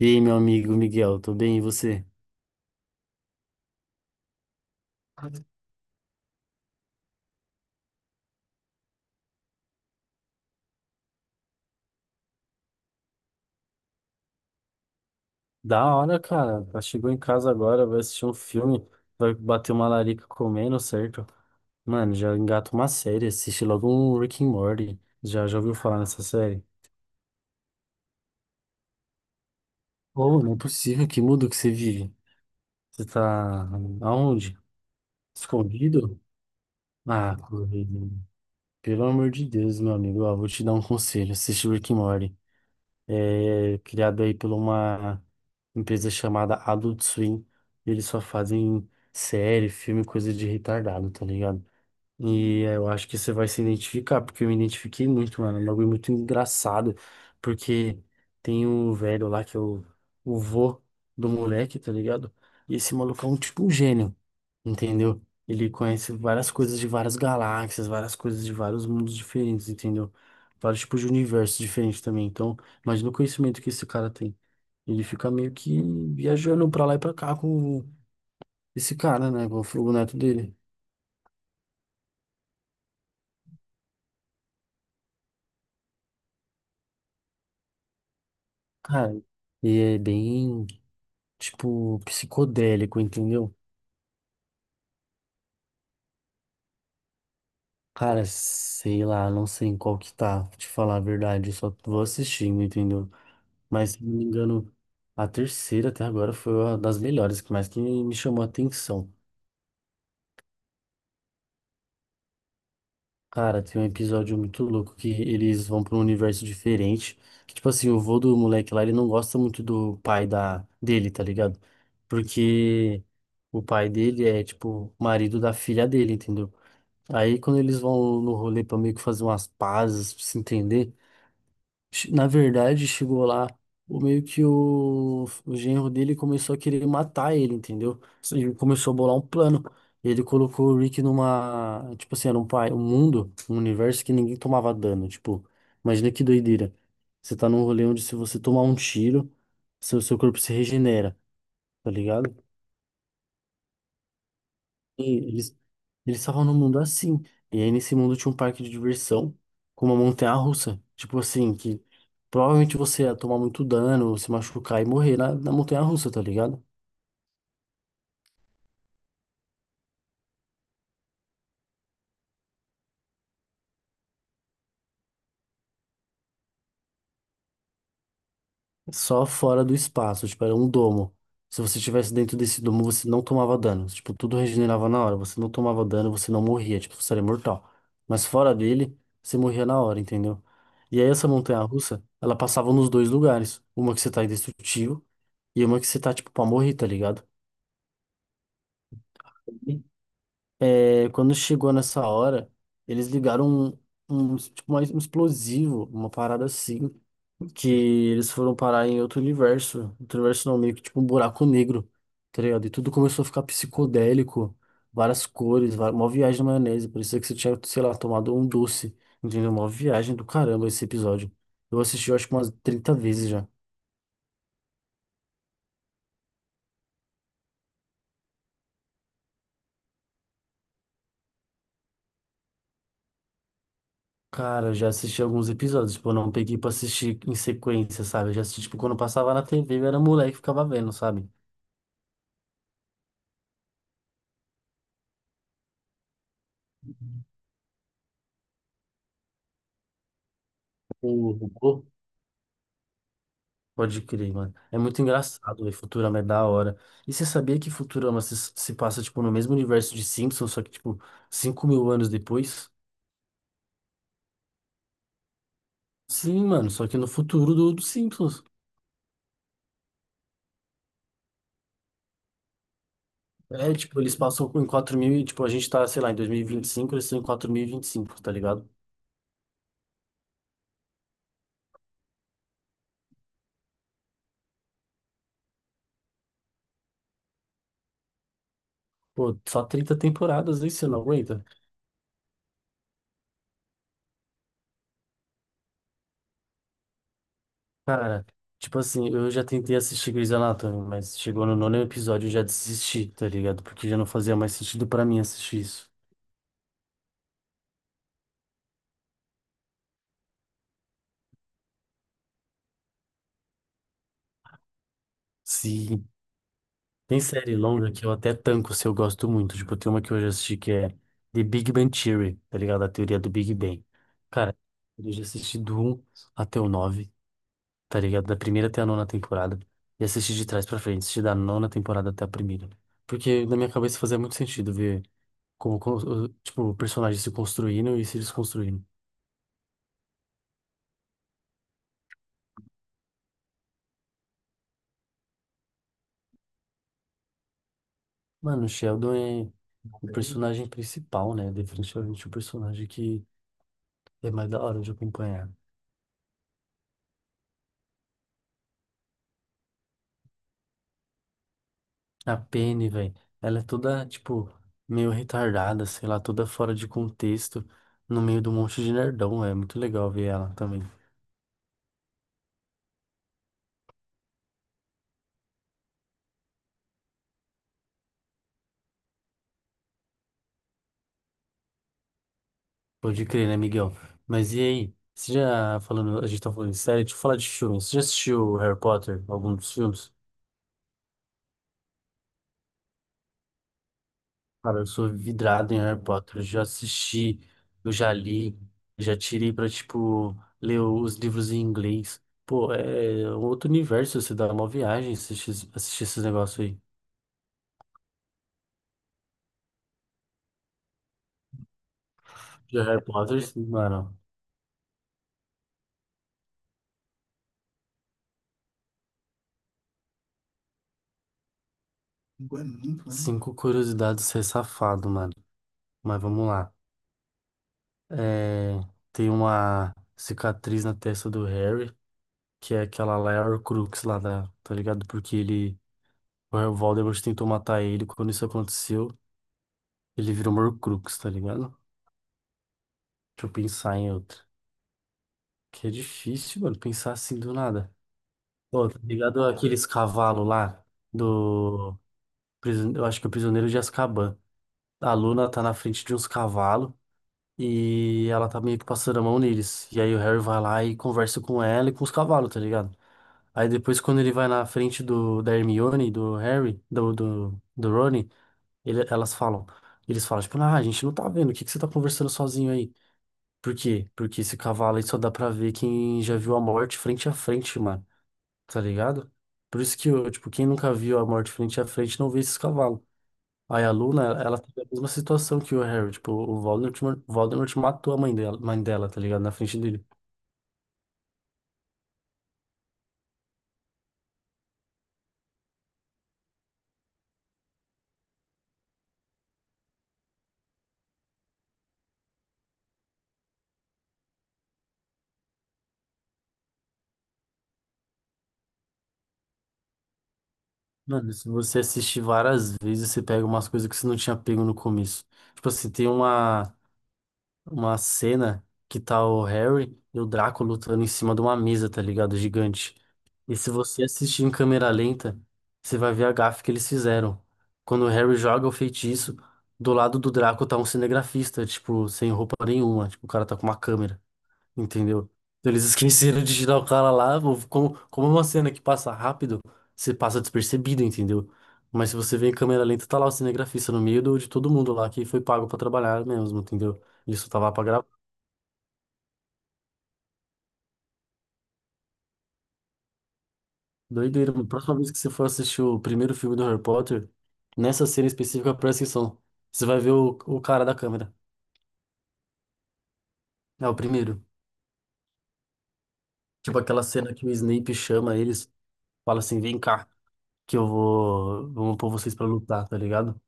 E aí, meu amigo Miguel, tô bem, e você? Da hora, cara. Ela chegou em casa agora, vai assistir um filme, vai bater uma larica comendo, certo? Mano, já engata uma série, assiste logo um Rick and Morty. Já ouviu falar nessa série? Ô, não é possível, que mundo que você vive. Você tá aonde? Escondido? Ah, corrido. Pelo amor de Deus, meu amigo, ó, vou te dar um conselho, assiste Rick and Morty. É criado aí por uma empresa chamada Adult Swim. E eles só fazem série, filme, coisa de retardado, tá ligado? E eu acho que você vai se identificar, porque eu me identifiquei muito, mano. É um bagulho muito engraçado. Porque tem um velho lá que é o vô do moleque, tá ligado? E esse maluco é um tipo um gênio, entendeu? Ele conhece várias coisas de várias galáxias, várias coisas de vários mundos diferentes, entendeu? Vários tipos de universos diferentes também. Então, imagina o conhecimento que esse cara tem. Ele fica meio que viajando pra lá e pra cá com esse cara, né? Com o neto dele. Cara, e é bem. Tipo, psicodélico, entendeu? Cara, sei lá, não sei em qual que tá, pra te falar a verdade, eu só vou assistindo, entendeu? Mas, se não me engano, a terceira até agora foi uma das melhores, que mais que me chamou a atenção. Cara, tem um episódio muito louco que eles vão pra um universo diferente, que, tipo assim, o vô do moleque lá, ele não gosta muito do pai da dele, tá ligado? Porque o pai dele é, tipo, marido da filha dele, entendeu? Aí quando eles vão no rolê pra meio que fazer umas pazes, pra se entender, na verdade chegou lá, o meio que o genro dele começou a querer matar ele, entendeu? Ele começou a bolar um plano. Ele colocou o Rick numa, tipo assim, era um pai, um mundo, um universo que ninguém tomava dano, tipo, imagina que doideira. Você tá num rolê onde se você tomar um tiro, seu corpo se regenera, tá ligado? E eles estavam num mundo assim. E aí nesse mundo tinha um parque de diversão com uma montanha-russa. Tipo assim, que provavelmente você ia tomar muito dano, se machucar e morrer na, montanha-russa, tá ligado? Só fora do espaço, tipo, era um domo. Se você estivesse dentro desse domo, você não tomava dano. Tipo, tudo regenerava na hora. Você não tomava dano, você não morria. Tipo, você era imortal. Mas fora dele, você morria na hora, entendeu? E aí essa montanha-russa, ela passava nos dois lugares. Uma que você tá indestrutível e uma que você tá, tipo, pra morrer, tá ligado? E, É, quando chegou nessa hora, eles ligaram um, um, tipo, mais um explosivo, uma parada assim. Que eles foram parar em outro universo. Outro universo não, meio que tipo um buraco negro, tá ligado? E tudo começou a ficar psicodélico, várias cores, uma viagem na maionese. Parecia que você tinha, sei lá, tomado um doce, entendeu? Uma viagem do caramba esse episódio. Eu assisti, eu acho que umas 30 vezes já. Cara, eu já assisti alguns episódios, tipo, eu não peguei pra assistir em sequência, sabe? Eu já assisti, tipo, quando passava na TV, eu era moleque e ficava vendo, sabe? O, pode crer, mano. É muito engraçado, velho. Futurama é da hora. E você sabia que Futurama se passa, tipo, no mesmo universo de Simpsons, só que, tipo, 5.000 anos depois? Sim, mano, só que no futuro do Simpsons. É, tipo, eles passam em 4000 e, tipo, a gente tá, sei lá, em 2025 eles estão em 4025 tá ligado? Pô, só 30 temporadas aí, você não aguenta? Cara, tipo assim, eu já tentei assistir Grey's Anatomy, mas chegou no nono episódio e eu já desisti, tá ligado? Porque já não fazia mais sentido pra mim assistir isso. Sim. Tem série longa que eu até tanco se eu gosto muito. Tipo, tem uma que eu já assisti que é The Big Bang Theory, tá ligado? A teoria do Big Bang. Cara, eu já assisti do um até o 9, tá ligado? Da primeira até a nona temporada. E assisti de trás pra frente, assisti da nona temporada até a primeira. Porque na minha cabeça fazia muito sentido ver como, como tipo, o personagem se construindo e se desconstruindo. Mano, o Sheldon é o personagem principal, né? Definitivamente o personagem que é mais da hora de acompanhar. A Penny, velho, ela é toda, tipo, meio retardada, sei lá, toda fora de contexto, no meio de um monte de nerdão, é muito legal ver ela também. Pode crer, né, Miguel? Mas e aí? Você já falando, a gente tá falando de série, deixa eu falar de filmes. Você já assistiu Harry Potter, algum dos filmes? Cara, eu sou vidrado em Harry Potter, eu já assisti, eu já li, já tirei pra, tipo, ler os livros em inglês. Pô, é outro universo, você dá uma viagem assistir esses negócios aí. De Harry Potter, sim, mano. Cinco curiosidades ser safado, mano. Mas vamos lá. É, tem uma cicatriz na testa do Harry, que é aquela lá, é a Horcrux lá da, tá ligado? Porque ele, o Voldemort tentou matar ele, quando isso aconteceu, ele virou uma Horcrux, tá ligado? Deixa eu pensar em outra. Que é difícil, mano, pensar assim do nada. Pô, tá ligado aqueles cavalos lá do... Eu acho que é o Prisioneiro de Azkaban. A Luna tá na frente de uns cavalos, e ela tá meio que passando a mão neles. E aí o Harry vai lá e conversa com ela e com os cavalos, tá ligado? Aí depois, quando ele vai na frente do, da Hermione, do Harry, do Rony, elas falam. Eles falam, tipo, ah, a gente não tá vendo, o que que você tá conversando sozinho aí? Por quê? Porque esse cavalo aí só dá pra ver quem já viu a morte frente a frente, mano, tá ligado? Por isso que, eu, tipo, quem nunca viu a morte frente a frente não vê esses cavalos. Aí a Luna, ela teve a mesma situação que o Harry, tipo, o Voldemort matou a mãe dela, tá ligado? Na frente dele. Mano, se você assistir várias vezes, você pega umas coisas que você não tinha pego no começo. Tipo assim, tem uma cena que tá o Harry e o Draco lutando em cima de uma mesa, tá ligado? Gigante. E se você assistir em câmera lenta, você vai ver a gafe que eles fizeram. Quando o Harry joga o feitiço, do lado do Draco tá um cinegrafista, tipo, sem roupa nenhuma. Tipo, o cara tá com uma câmera. Entendeu? Então, eles esqueceram de tirar o cara lá, ou como, como é uma cena que passa rápido, você passa despercebido, entendeu? Mas se você vê em câmera lenta, tá lá o cinegrafista no meio de todo mundo lá que foi pago pra trabalhar mesmo, entendeu? Ele só tava lá pra gravar. Doideira, mano. Próxima vez que você for assistir o primeiro filme do Harry Potter, nessa cena específica, presta atenção. Você vai ver o cara da câmera. É o primeiro. Tipo aquela cena que o Snape chama eles, fala assim: vem cá, que eu vou, vou pôr vocês pra lutar, tá ligado?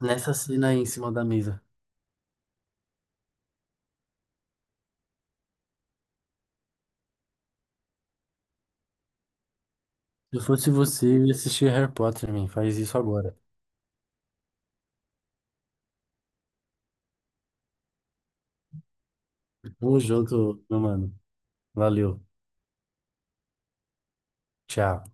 Nessa cena aí em cima da mesa. Se eu fosse você, eu ia assistir Harry Potter, man. Faz isso agora. Tamo junto, meu mano. Valeu. Tchau.